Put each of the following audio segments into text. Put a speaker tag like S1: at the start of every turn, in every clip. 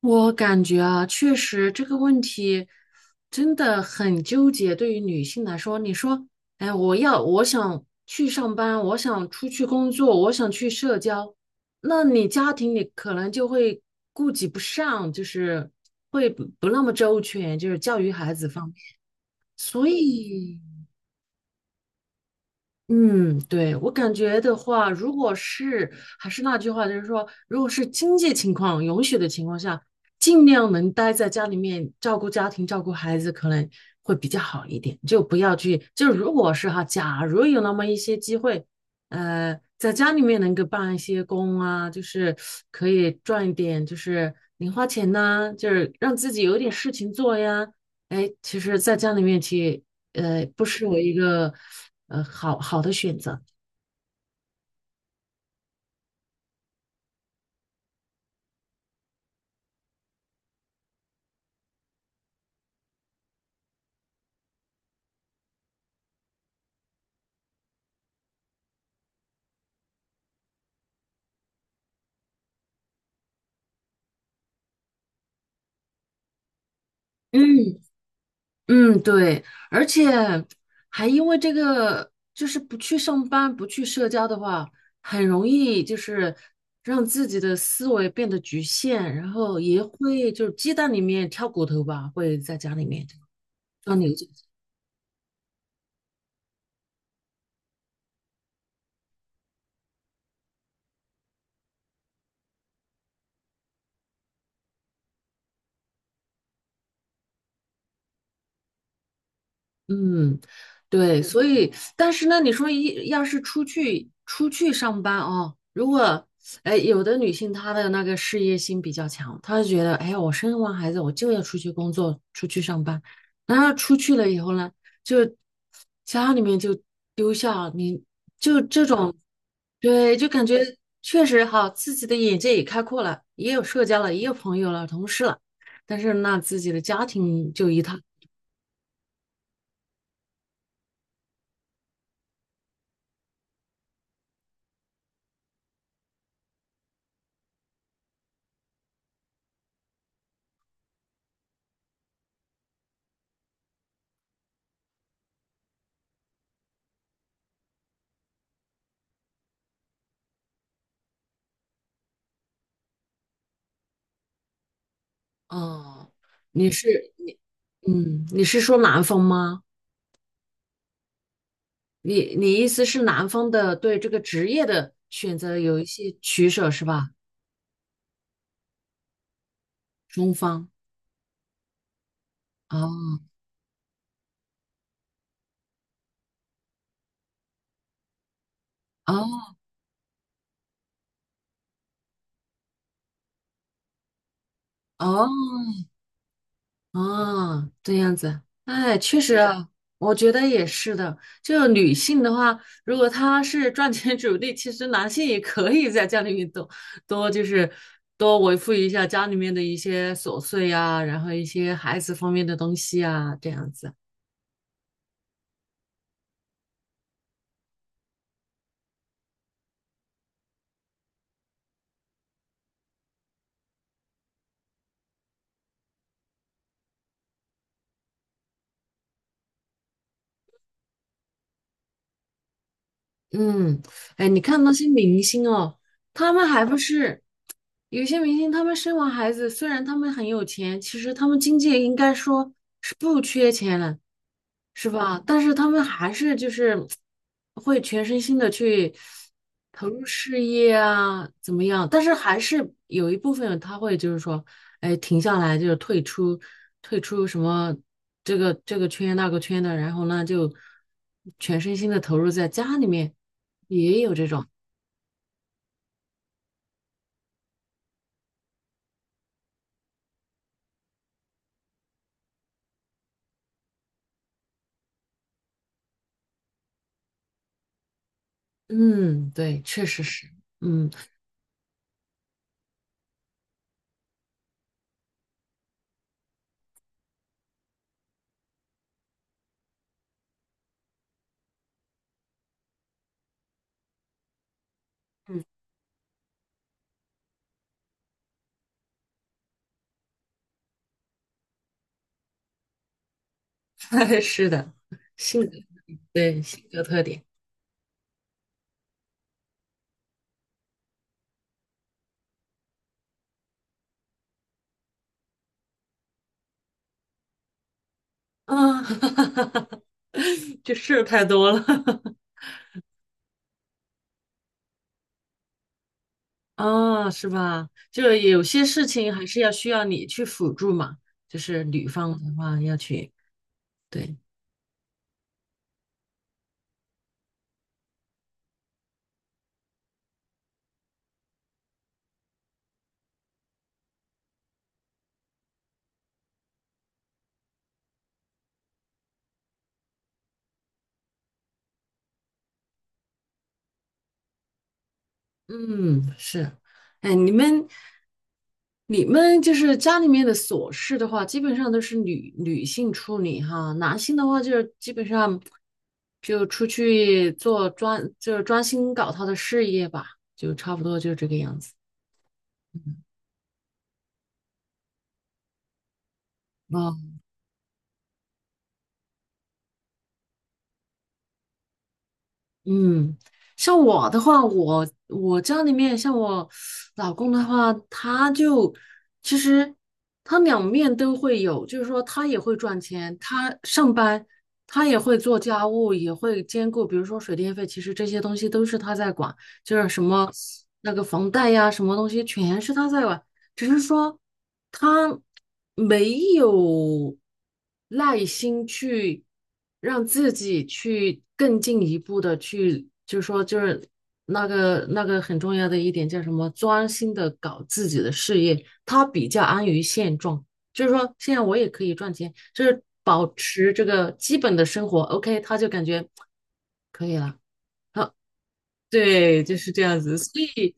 S1: 我感觉啊，确实这个问题真的很纠结。对于女性来说，你说，哎，我要，我想去上班，我想出去工作，我想去社交，那你家庭里可能就会顾及不上，就是会不那么周全，就是教育孩子方面。所以，嗯，对，我感觉的话，如果是还是那句话，就是说，如果是经济情况允许的情况下，尽量能待在家里面照顾家庭、照顾孩子，可能会比较好一点。就不要去，就如果是哈，假如有那么一些机会，在家里面能够办一些工啊，就是可以赚一点，就是零花钱呐、就是让自己有点事情做呀。哎，其实在家里面去。不失为一个好好的选择。嗯嗯，对，而且还因为这个，就是不去上班、不去社交的话，很容易就是让自己的思维变得局限，然后也会就是鸡蛋里面挑骨头吧，会在家里面钻牛角。嗯，对，嗯所以，但是呢，你说一要是出去上班哦，如果，哎，有的女性她的那个事业心比较强，她就觉得，哎呀，我生完孩子我就要出去工作，出去上班，然后出去了以后呢，就家里面就丢下你，就这啊种，对，就感觉确实哈，自己的眼界也开阔了，也有社交了，也有朋友了，同事了，但是那自己的家庭就一塌。哦，你是你，嗯，你是说男方吗？你意思是男方的对这个职业的选择有一些取舍是吧？中方，哦哦哦哦，这样子，哎，确实啊，我觉得也是的。就女性的话，如果她是赚钱主力，其实男性也可以在家里面多就是多维护一下家里面的一些琐碎呀、然后一些孩子方面的东西啊，这样子。嗯，哎，你看那些明星哦，他们还不是有些明星，他们生完孩子，虽然他们很有钱，其实他们经济应该说是不缺钱了，是吧？但是他们还是就是会全身心的去投入事业啊，怎么样？但是还是有一部分他会就是说，哎，停下来就是退出，退出这个圈那个圈的，然后呢就全身心的投入在家里面，也有这种。嗯，对，确实是，嗯，是的，性格，对，性格特点，啊，就事儿太多了，啊，是吧？就是有些事情还是要需要你去辅助嘛，就是女方的话要去，对，嗯，是，哎，你们就是家里面的琐事的话，基本上都是女性处理哈，男性的话就是基本上就出去做专，就是专心搞他的事业吧，就差不多就这个样子。嗯，像我的话，我家里面像我老公的话，其实他两面都会有，就是说他也会赚钱，他上班，他也会做家务，也会兼顾，比如说水电费，其实这些东西都是他在管。就是什么那个房贷呀，什么东西全是他在管，只是说他没有耐心去让自己去更进一步的去，就是说那个很重要的一点叫什么，专心的搞自己的事业，他比较安于现状，就是说现在我也可以赚钱，就是保持这个基本的生活，OK,他就感觉可以了。好，对，就是这样子，所以。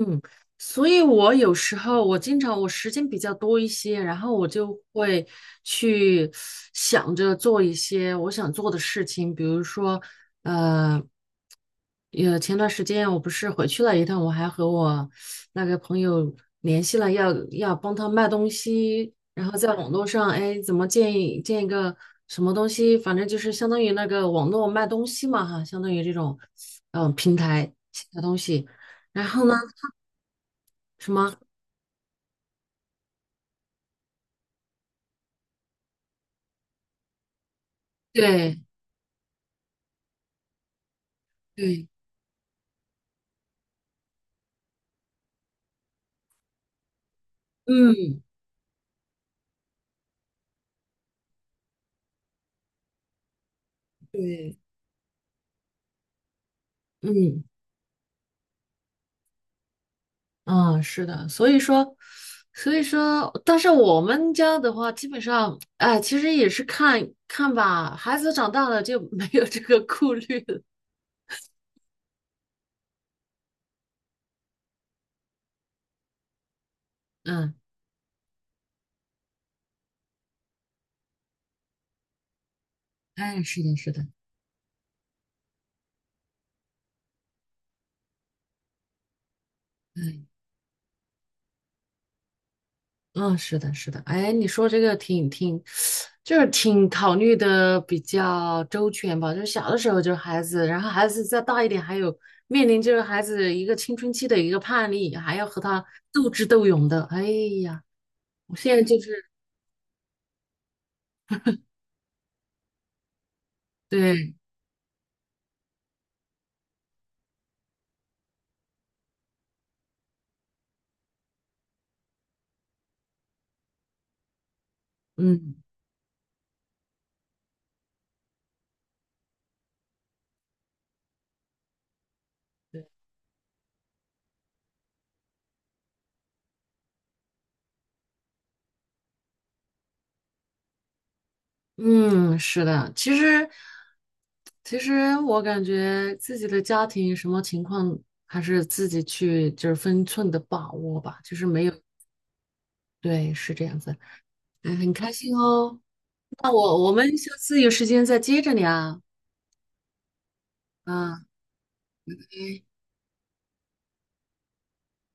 S1: 嗯，所以我有时候我经常我时间比较多一些，然后我就会去想着做一些我想做的事情，比如说，呃，有前段时间我不是回去了一趟，我还和我那个朋友联系了要，要帮他卖东西，然后在网络上，哎，怎么建议建一个什么东西，反正就是相当于那个网络卖东西嘛，哈，相当于这种，平台写的东西，然后呢，什么？对对，嗯对，嗯嗯，是的，所以说，所以说，但是我们家的话，基本上，哎，其实也是看看吧，孩子长大了就没有这个顾虑了。嗯，哎，是的，是的，哎。嗯，是的，是的，哎，你说这个就是挺考虑的比较周全吧。就是小的时候就是孩子，然后孩子再大一点，还有面临就是孩子一个青春期的一个叛逆，还要和他斗智斗勇的。哎呀，我现在就是对，嗯嗯，是的。其实我感觉自己的家庭什么情况，还是自己去就是分寸的把握吧，就是没有，对，是这样子。嗯，很开心哦。那我们下次有时间再接着聊。啊。